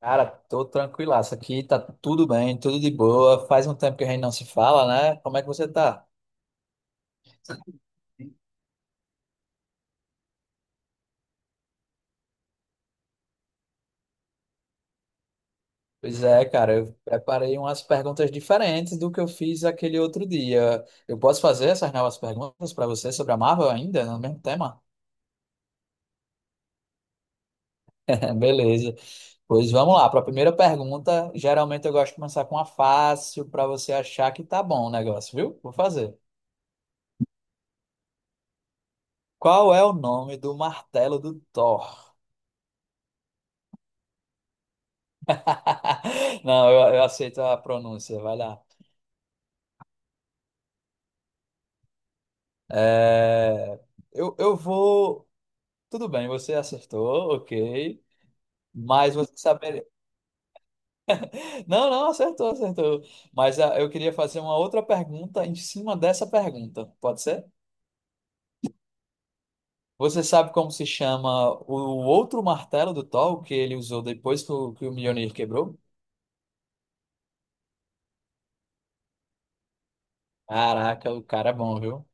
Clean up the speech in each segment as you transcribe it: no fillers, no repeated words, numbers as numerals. Cara, tô tranquilaço aqui, tá tudo bem, tudo de boa. Faz um tempo que a gente não se fala, né? Como é que você tá? Pois é, cara, eu preparei umas perguntas diferentes do que eu fiz aquele outro dia. Eu posso fazer essas novas perguntas para você sobre a Marvel ainda, no mesmo tema? Beleza. Pois vamos lá, para a primeira pergunta, geralmente eu gosto de começar com uma fácil para você achar que tá bom o negócio, viu? Vou fazer. Qual é o nome do martelo do Thor? Não, eu aceito a pronúncia, vai lá. É, eu vou. Tudo bem, você acertou, ok. Mas você saberia. Não, não, acertou, acertou. Mas eu queria fazer uma outra pergunta em cima dessa pergunta, pode ser? Você sabe como se chama o outro martelo do Thor que ele usou depois que o Mjolnir quebrou? Caraca, o cara é bom, viu?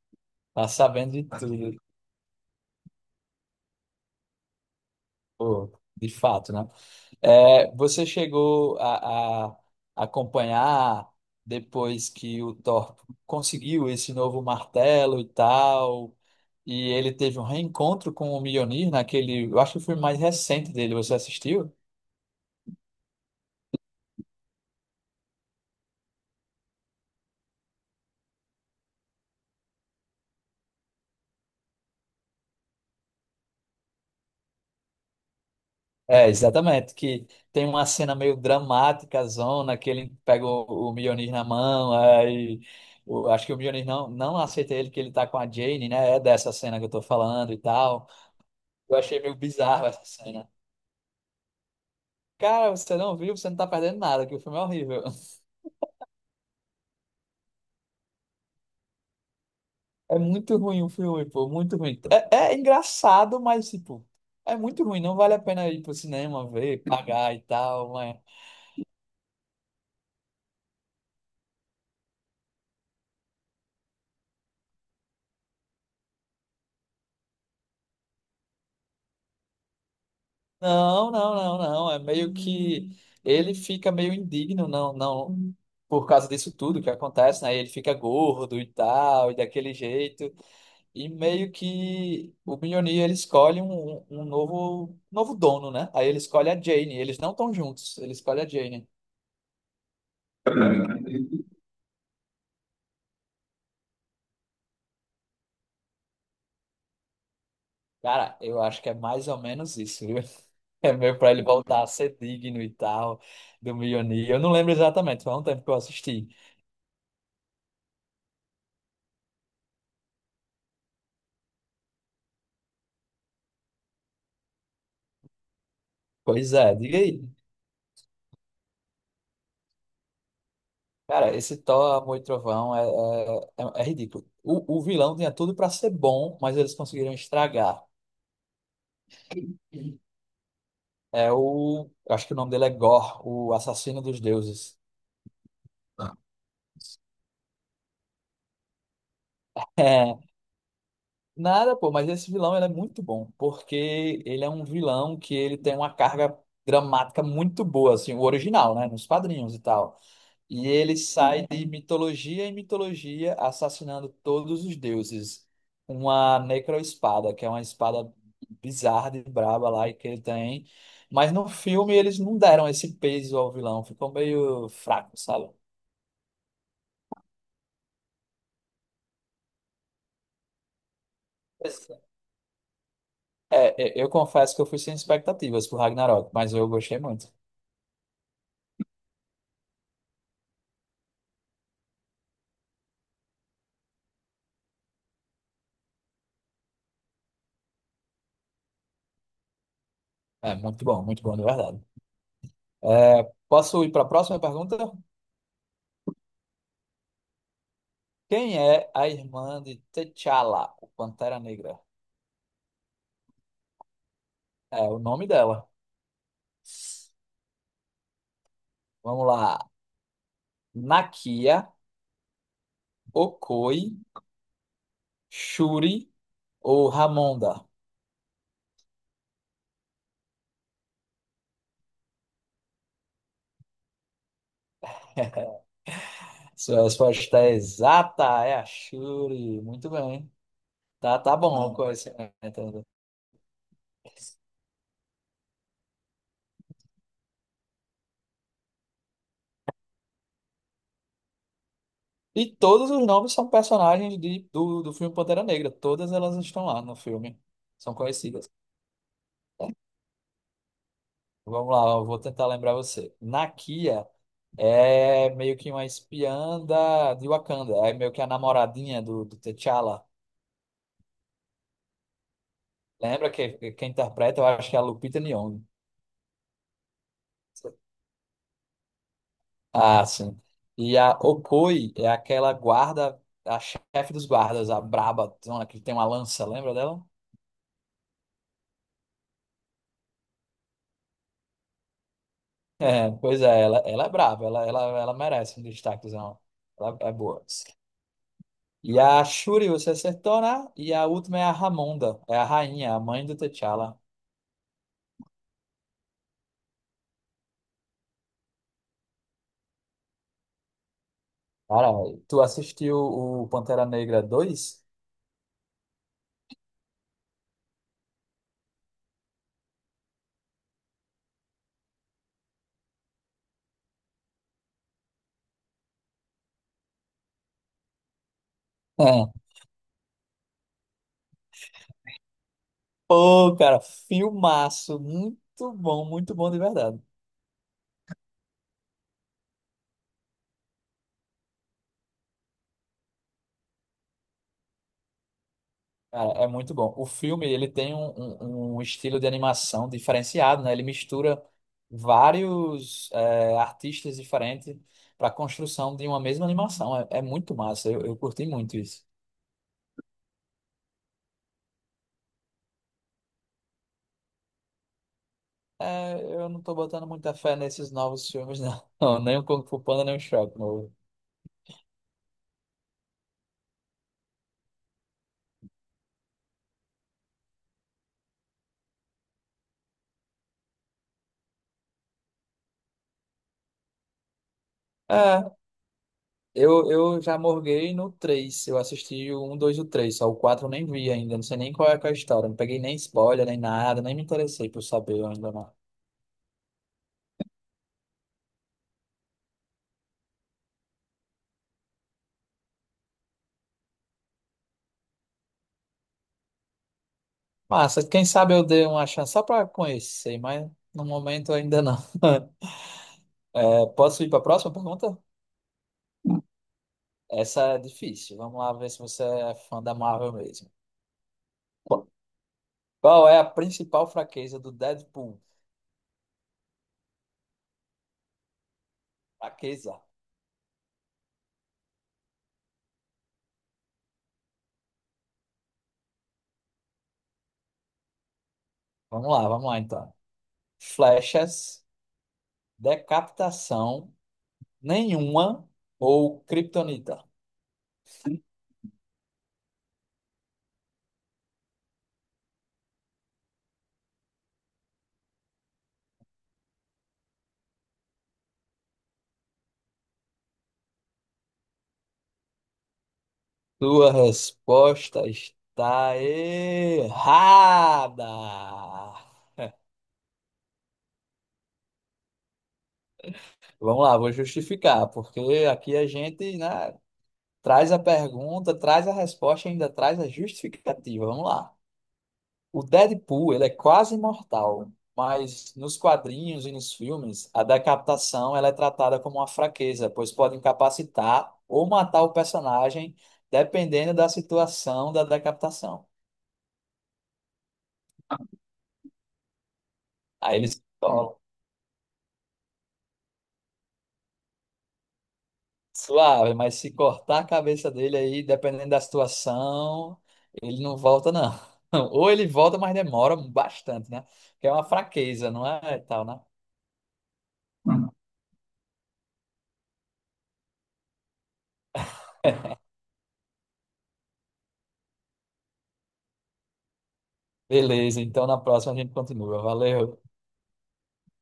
Tá sabendo de tudo. Pô, de fato, né? É, você chegou a acompanhar depois que o Thor conseguiu esse novo martelo e tal, e ele teve um reencontro com o Mjolnir naquele, eu acho que foi o mais recente dele, você assistiu? É, exatamente, que tem uma cena meio dramática, zona, que ele pega o Mjolnir na mão, aí acho que o Mjolnir não, não aceita ele que ele tá com a Jane, né? É dessa cena que eu tô falando e tal. Eu achei meio bizarro essa cena. Cara, você não viu, você não tá perdendo nada, que o filme é horrível. É muito ruim o filme, pô, muito ruim. É, é engraçado, mas, tipo, é muito ruim. Não vale a pena ir pro cinema ver, pagar e tal, mas... Não, não, não, não. É meio que... Ele fica meio indigno, não, não... Por causa disso tudo que acontece, né? Ele fica gordo e tal, e daquele jeito. E meio que o Mjolnir, ele escolhe um novo, novo dono, né? Aí ele escolhe a Jane. Eles não estão juntos, ele escolhe a Jane. Cara, eu acho que é mais ou menos isso, viu? É meio pra ele voltar a ser digno e tal, do Mjolnir. Eu não lembro exatamente, foi há um tempo que eu assisti. Pois é, diga aí. Cara, esse Thor, Amor e Trovão é, é, é ridículo. O vilão tinha tudo pra ser bom, mas eles conseguiram estragar. É o. Eu acho que o nome dele é Gore, o assassino dos deuses. Nada, pô, mas esse vilão ele é muito bom, porque ele é um vilão que ele tem uma carga dramática muito boa, assim, o original, né, nos quadrinhos e tal. E ele sai de mitologia em mitologia assassinando todos os deuses. Uma necroespada, que é uma espada bizarra de braba lá que ele tem. Mas no filme eles não deram esse peso ao vilão, ficou meio fraco, sabe? É, é, eu confesso que eu fui sem expectativas pro Ragnarok, mas eu gostei muito. É, muito bom, de verdade. É, posso ir para a próxima pergunta? Quem é a irmã de T'Challa, o Pantera Negra? É o nome dela. Vamos lá. Nakia, Okoi, Shuri ou Ramonda? Sua resposta é exata, é a Shuri. Muito bem. Tá, tá bom o conhecimento. Né? E todos os nomes são personagens do filme Pantera Negra. Todas elas estão lá no filme. São conhecidas. Vamos lá, eu vou tentar lembrar você. Nakia é meio que uma espiã da, de Wakanda, é meio que a namoradinha do T'Challa. Lembra que quem interpreta, eu acho que é a Lupita Nyong'o. Ah, sim. E a Okoye é aquela guarda, a chefe dos guardas, a braba, zona que tem uma lança, lembra dela? É, pois é, ela é brava, ela merece um destaquezão. Ela é boa. E a Shuri você acertou, né? E a última é a Ramonda, é a rainha, a mãe do T'Challa. Cara, tu assistiu o Pantera Negra 2? É. Pô, cara, filmaço. Muito bom de verdade. Cara, é muito bom. O filme, ele tem um, um estilo de animação diferenciado, né? Ele mistura vários é, artistas diferentes para a construção de uma mesma animação. É, é muito massa. Eu curti muito isso. É, eu não tô botando muita fé nesses novos filmes, não. Não, nem o Kung Fu Panda, nem o Shrek novo. Eu já morguei no 3. Eu assisti o 1, 2 e o 3. Só o 4 eu nem vi ainda. Não sei nem qual é que é a história. Não peguei nem spoiler, nem nada. Nem me interessei por saber ainda não. Massa, quem sabe eu dei uma chance só pra conhecer, mas no momento ainda não. É, posso ir pra próxima pergunta? Essa é difícil. Vamos lá ver se você é fã da Marvel mesmo. Qu- Qual é a principal fraqueza do Deadpool? Fraqueza. Vamos lá então. Flechas, decapitação, nenhuma ou Kryptonita? Sua resposta está errada. Vamos lá, vou justificar, porque aqui a gente, né, traz a pergunta, traz a resposta, e ainda traz a justificativa. Vamos lá. O Deadpool, ele é quase imortal, mas nos quadrinhos e nos filmes, a decapitação ela é tratada como uma fraqueza, pois pode incapacitar ou matar o personagem, dependendo da situação da decapitação. Aí eles falam, suave, mas se cortar a cabeça dele aí, dependendo da situação, ele não volta, não. Ou ele volta, mas demora bastante, né? Que é uma fraqueza, não é? Tal, né? Beleza, então na próxima a gente continua. Valeu.